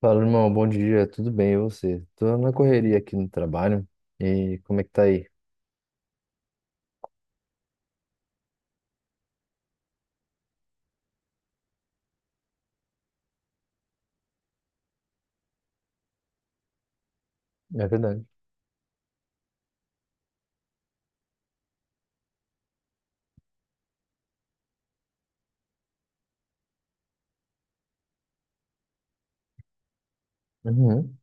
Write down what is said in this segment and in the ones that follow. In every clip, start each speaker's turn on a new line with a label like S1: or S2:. S1: Fala, irmão, bom dia, tudo bem, e você? Tô na correria aqui no trabalho, e como é que tá aí? É verdade. Uhum.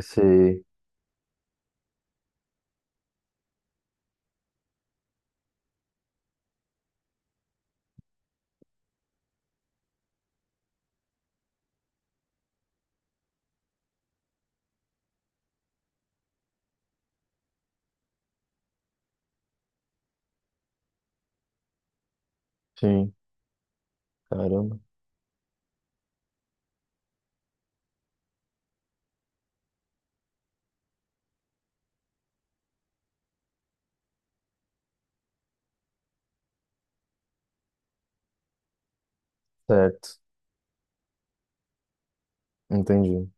S1: Sei, sim, caramba. Certo, entendi.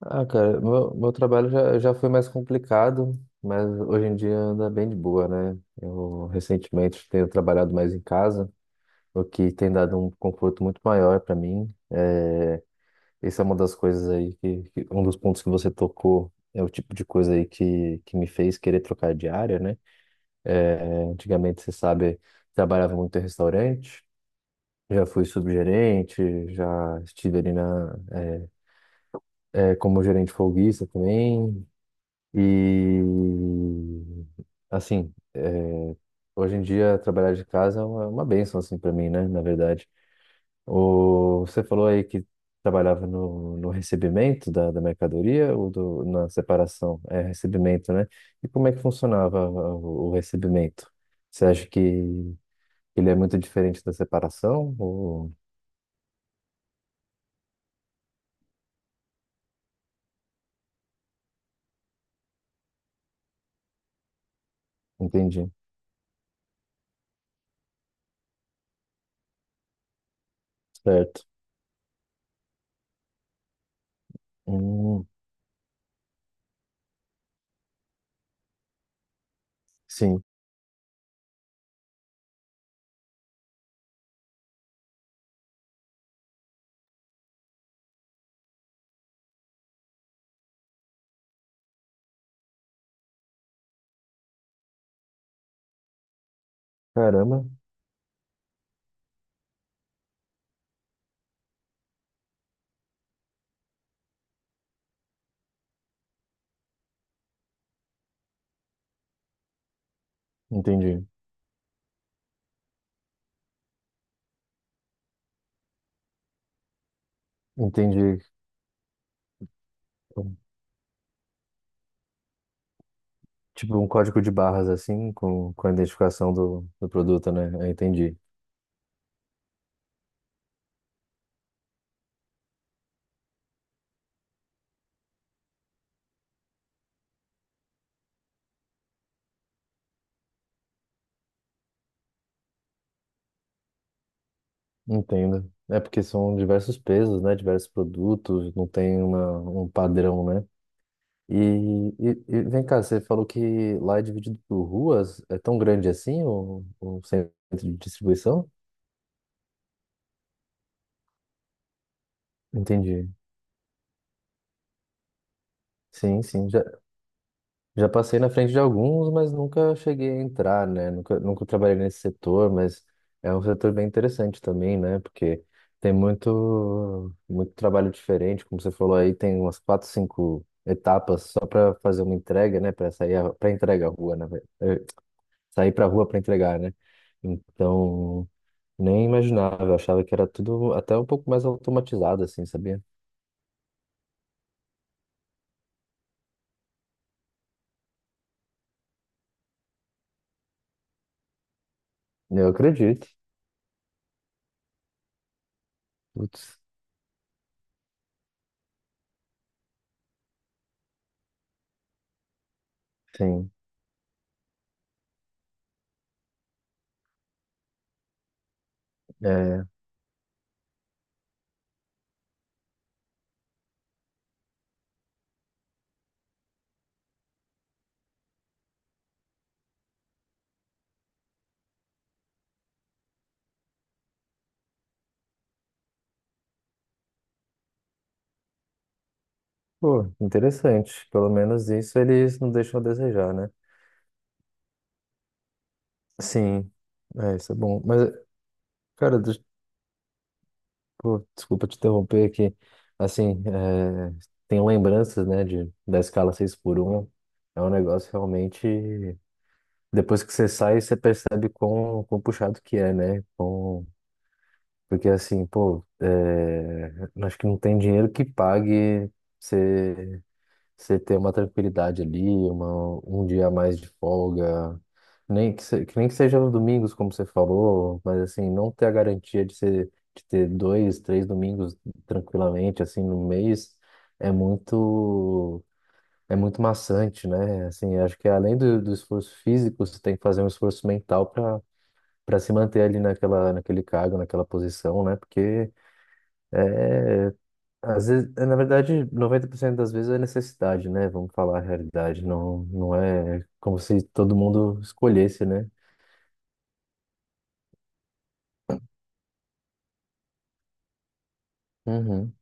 S1: Ah, cara, meu trabalho já foi mais complicado, mas hoje em dia anda bem de boa, né? Eu recentemente tenho trabalhado mais em casa, o que tem dado um conforto muito maior para mim. Essa é uma das coisas aí um dos pontos que você tocou é o tipo de coisa aí que me fez querer trocar de área, né? É, antigamente, você sabe, trabalhava muito em restaurante, já fui subgerente, já estive ali como gerente folguista também. E, assim, é, hoje em dia trabalhar de casa é é uma bênção, assim, para mim, né? Na verdade. O, você falou aí que trabalhava no recebimento da mercadoria ou do, na separação? É recebimento, né? E como é que funcionava o recebimento? Você acha que ele é muito diferente da separação? Ou... Entendi. Certo. Hum, sim. Caramba. Entendi. Entendi. Tipo um código de barras assim, com a identificação do produto, né? Eu entendi. Entendo. É porque são diversos pesos, né? Diversos produtos, não tem um padrão, né? E, e vem cá, você falou que lá é dividido por ruas, é tão grande assim o centro de distribuição? Entendi. Sim, sim. Já, já passei na frente de alguns, mas nunca cheguei a entrar, né? Nunca, nunca trabalhei nesse setor, mas é um setor bem interessante também, né? Porque tem muito, muito trabalho diferente, como você falou aí, tem umas quatro, cinco etapas só para fazer uma entrega, né? Para sair para entrega à rua, né? Sair para a rua para entregar, né? Então, nem imaginava, eu achava que era tudo até um pouco mais automatizado, assim, sabia? Eu acredito. Putz, sim. É. Pô, interessante. Pelo menos isso eles não deixam a desejar, né? Sim, é, isso é bom. Mas, cara, pô, desculpa te interromper aqui. Assim, é, tem lembranças, né, de, da escala 6 por um. É um negócio realmente. Depois que você sai, você percebe quão, quão puxado que é, né? Quão... Porque, assim, pô, é, acho que não tem dinheiro que pague. Você Você ter uma tranquilidade ali, uma, um dia a mais de folga, nem que, que nem que seja nos domingos, como você falou, mas assim, não ter a garantia de, ser, de ter dois, três domingos tranquilamente, assim, no mês, é muito, é muito maçante, né? Assim, acho que além do esforço físico, você tem que fazer um esforço mental para se manter ali naquela, naquele cargo, naquela posição, né? Porque às vezes, na verdade, 90% das vezes é necessidade, né? Vamos falar a realidade. Não, não é como se todo mundo escolhesse, né? Uhum.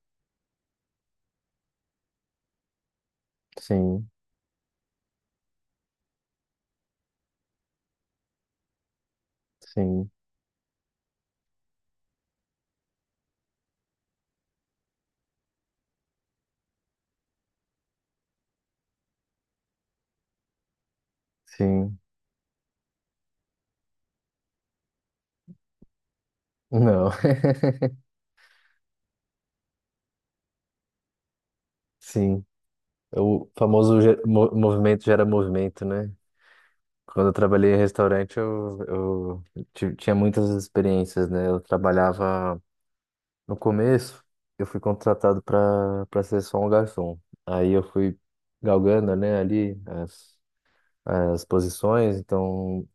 S1: Sim, sim, sim. Não, sim. É o famoso movimento gera movimento, né? Quando eu trabalhei em restaurante, eu tinha muitas experiências, né? Eu trabalhava no começo, eu fui contratado para ser só um garçom. Aí eu fui galgando, né, ali as posições. Então,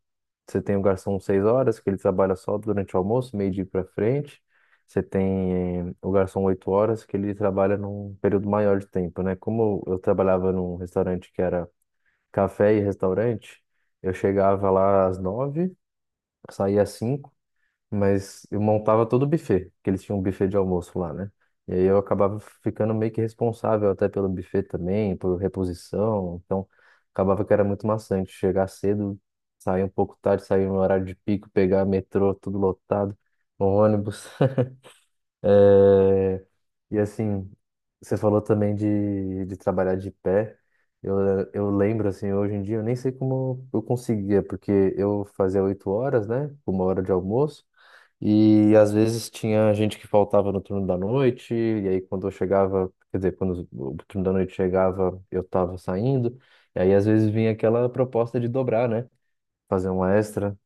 S1: você tem o garçom 6 horas, que ele trabalha só durante o almoço, meio-dia para frente. Você tem o garçom 8 horas, que ele trabalha num período maior de tempo, né? Como eu trabalhava num restaurante que era café e restaurante, eu chegava lá às nove, saía às cinco, mas eu montava todo o buffet, porque eles tinham um buffet de almoço lá, né? E aí eu acabava ficando meio que responsável até pelo buffet também, por reposição. Então, acabava que era muito maçante chegar cedo, sair um pouco tarde, sair no horário de pico, pegar metrô, tudo lotado, no ônibus. É. E assim, você falou também de trabalhar de pé. Eu, eu lembro, assim, hoje em dia, eu nem sei como eu conseguia, porque eu fazia 8 horas, né? Uma hora de almoço. E às vezes tinha gente que faltava no turno da noite, e aí quando eu chegava, quer dizer, quando o turno da noite chegava, eu tava saindo, e aí às vezes vinha aquela proposta de dobrar, né? Fazer uma extra.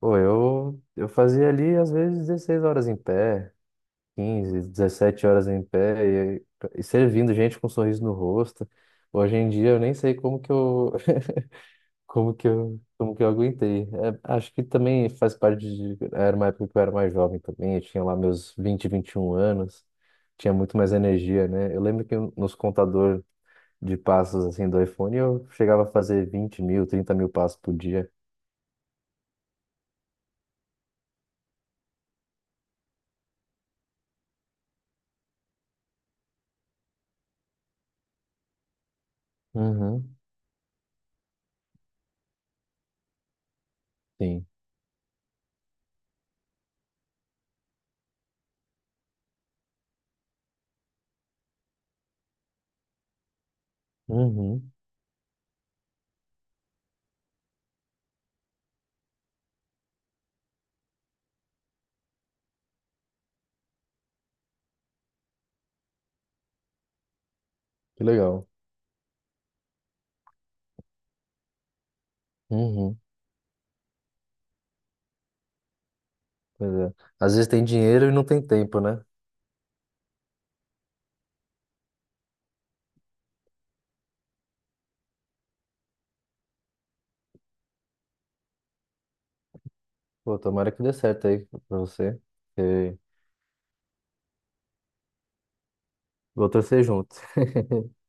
S1: Pô, eu fazia ali às vezes 16 horas em pé, 15 17 horas em pé, e servindo gente com um sorriso no rosto. Hoje em dia eu nem sei como que eu aguentei? É, acho que também faz parte de. Era uma época que eu era mais jovem também, eu tinha lá meus 20 21 anos, tinha muito mais energia, né? Eu lembro que nos contador de passos assim do iPhone eu chegava a fazer 20.000, 30.000 passos por dia. Uhum, sim. Uhum, que legal. Uhum, pois é. Às vezes tem dinheiro e não tem tempo, né? Pô, tomara que dê certo aí pra você. E vou torcer junto.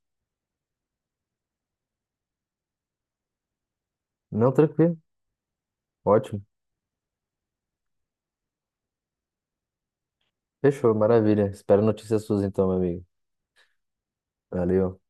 S1: Não, tranquilo, ótimo. Fechou, maravilha. Espero notícias suas então, meu amigo. Valeu.